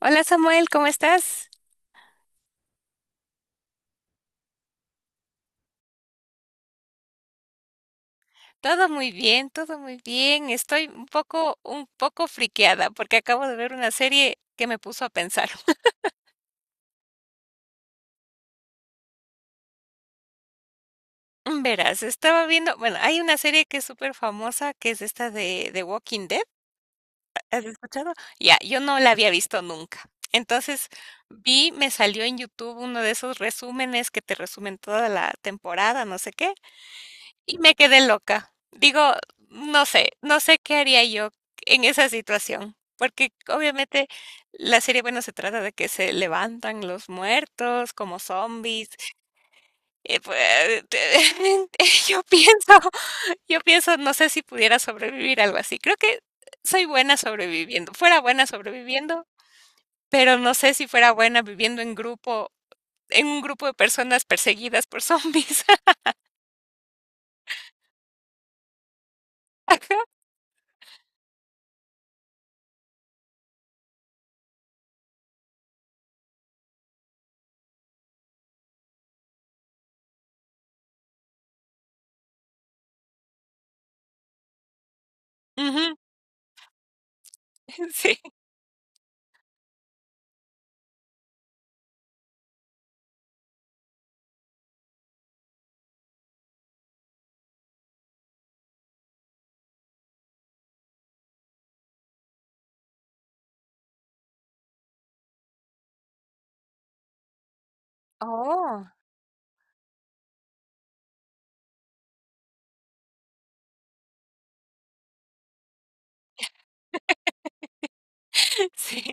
Hola Samuel, ¿cómo estás? Todo muy bien, todo muy bien. Estoy un poco friqueada porque acabo de ver una serie que me puso a pensar. Verás, estaba viendo, bueno, hay una serie que es súper famosa, que es esta de Walking Dead. ¿Has escuchado? Ya, yo no la había visto nunca. Entonces vi, me salió en YouTube uno de esos resúmenes que te resumen toda la temporada, no sé qué. Y me quedé loca. Digo, no sé qué haría yo en esa situación, porque obviamente la serie, bueno, se trata de que se levantan los muertos como zombies. Pues, yo pienso, yo pienso, no sé si pudiera sobrevivir algo así. Creo que soy buena sobreviviendo, fuera buena sobreviviendo, pero no sé si fuera buena viviendo en grupo, en un grupo de personas perseguidas por zombies. Ajá, ujú, sí. Oh. Sí.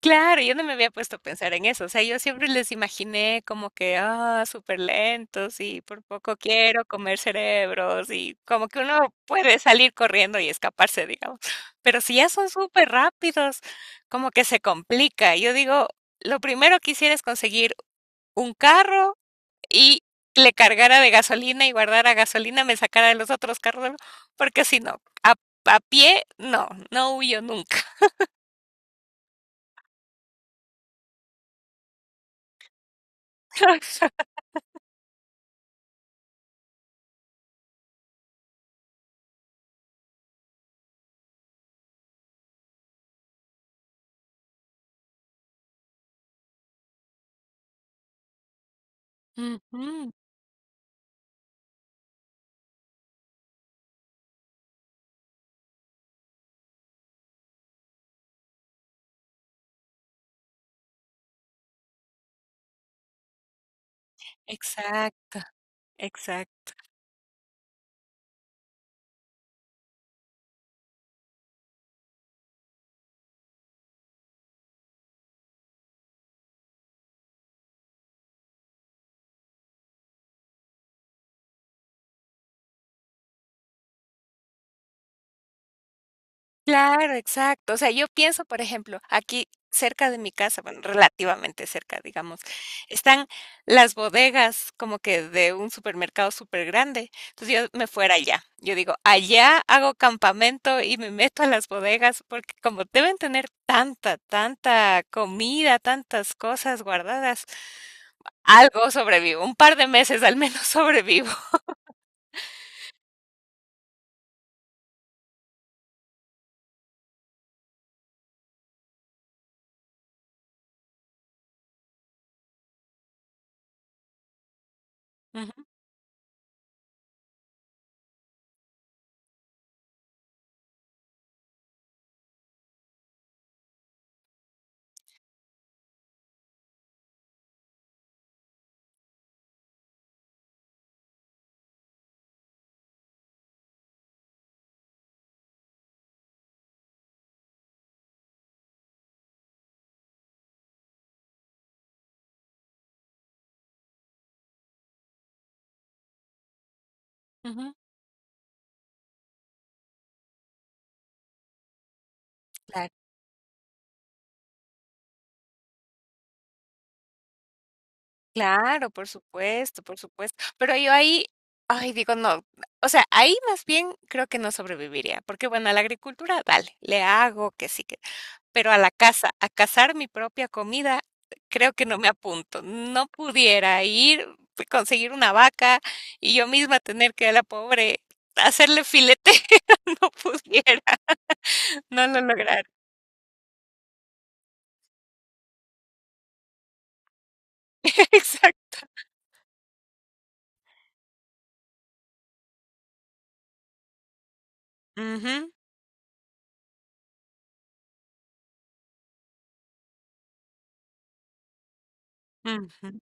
Claro, yo no me había puesto a pensar en eso. O sea, yo siempre les imaginé como que, ah, súper lentos y por poco quiero comer cerebros y como que uno puede salir corriendo y escaparse, digamos, pero si ya son súper rápidos, como que se complica. Yo digo, lo primero que hiciera es conseguir un carro y le cargara de gasolina y guardara gasolina, me sacara de los otros carros, ¿no? Porque si no, a pie, no, no huyo nunca. Ujú. Exacto, exacto. Claro, exacto. O sea, yo pienso, por ejemplo, aquí cerca de mi casa, bueno, relativamente cerca, digamos, están las bodegas como que de un supermercado súper grande. Entonces yo me fuera allá. Yo digo, allá hago campamento y me meto a las bodegas porque como deben tener tanta, tanta comida, tantas cosas guardadas, algo sobrevivo. Un par de meses al menos sobrevivo. Ujú, ujú, claro, por supuesto, por supuesto. Pero yo ahí, ay, digo, no, o sea, ahí más bien creo que no sobreviviría, porque bueno, a la agricultura, dale, le hago que sí que, pero a la casa, a cazar mi propia comida, creo que no me apunto. No pudiera ir, pues, conseguir una vaca y yo misma tener que a la pobre hacerle filete, no pudiera, no lo lograr. Exacto. Ujú, ujú,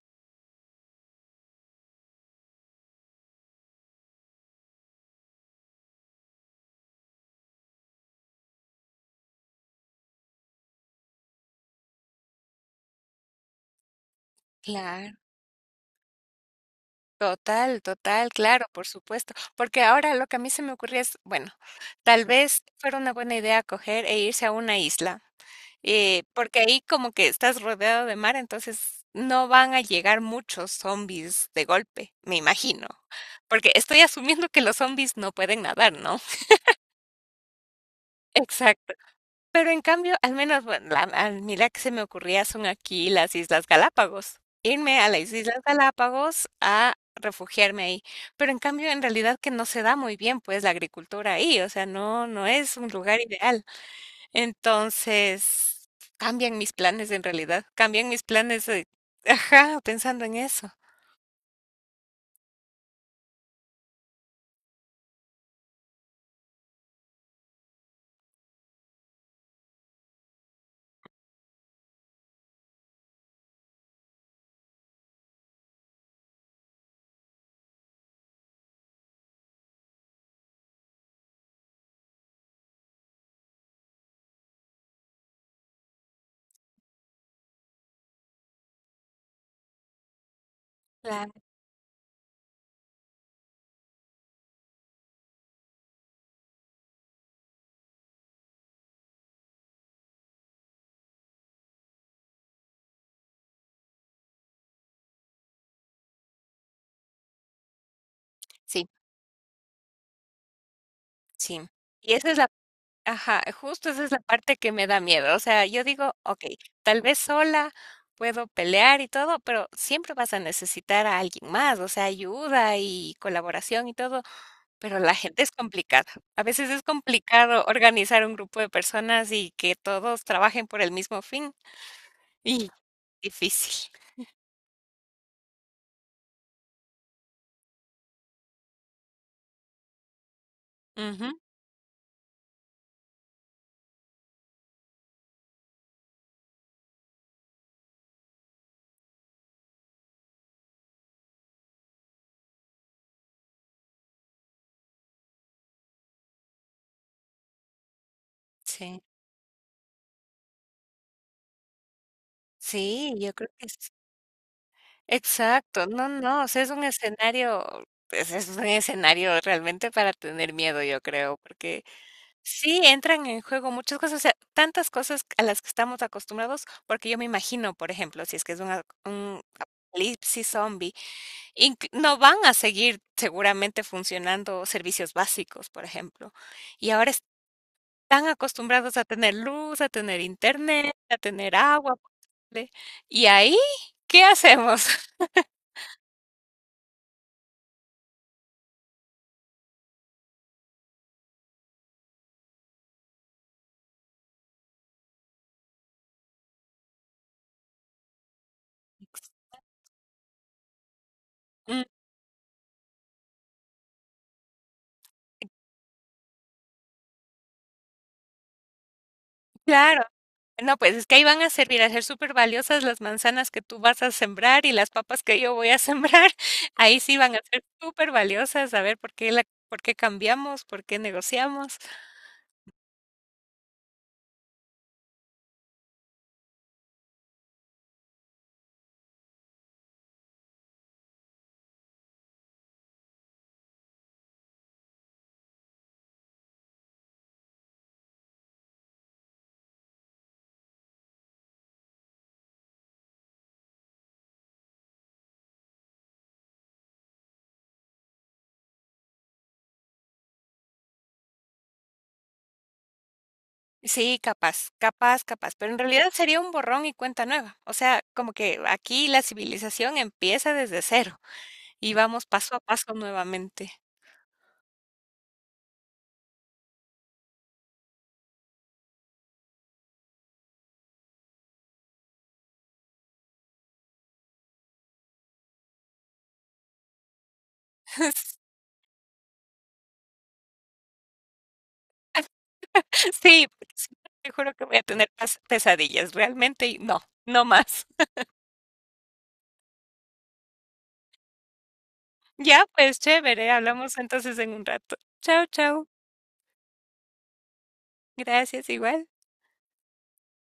claro. Total, total, claro, por supuesto. Porque ahora lo que a mí se me ocurría es, bueno, tal vez fuera una buena idea coger e irse a una isla, porque ahí como que estás rodeado de mar, entonces no van a llegar muchos zombies de golpe, me imagino. Porque estoy asumiendo que los zombies no pueden nadar, ¿no? Exacto. Pero en cambio, al menos, bueno, a mí la que se me ocurría son aquí las Islas Galápagos. Irme a las Islas Galápagos a refugiarme ahí. Pero en cambio, en realidad que no se da muy bien, pues, la agricultura ahí. O sea, no, no es un lugar ideal. Entonces, cambian mis planes en realidad, cambian mis planes, ajá, pensando en eso. Claro. Sí, sí. Y esa es la ajá, justo esa es la parte que me da miedo. O sea, yo digo, okey, tal vez sola puedo pelear y todo, pero siempre vas a necesitar a alguien más, o sea, ayuda y colaboración y todo, pero la gente es complicada. A veces es complicado organizar un grupo de personas y que todos trabajen por el mismo fin, y difícil. Ujú, sí. Sí, yo creo que es exacto. No, no, o sea, es un escenario, pues, es un escenario realmente para tener miedo, yo creo, porque sí, entran en juego muchas cosas. O sea, tantas cosas a las que estamos acostumbrados, porque yo me imagino, por ejemplo, si es que es un apocalipsis zombie, inc no van a seguir seguramente funcionando servicios básicos, por ejemplo. Y ahora están acostumbrados a tener luz, a tener internet, a tener agua potable, y ahí, ¿qué hacemos? Mm, claro. No, pues es que ahí van a servir a ser súper valiosas las manzanas que tú vas a sembrar y las papas que yo voy a sembrar. Ahí sí van a ser súper valiosas, a ver por qué por qué cambiamos, por qué negociamos. Sí, capaz, capaz, capaz, pero en realidad sería un borrón y cuenta nueva. O sea, como que aquí la civilización empieza desde cero y vamos paso a paso nuevamente. Sí, porque si no, te juro que voy a tener pesadillas, realmente, y no, no más. Ya, pues chévere, hablamos entonces en un rato. Chao, chao. Gracias, igual.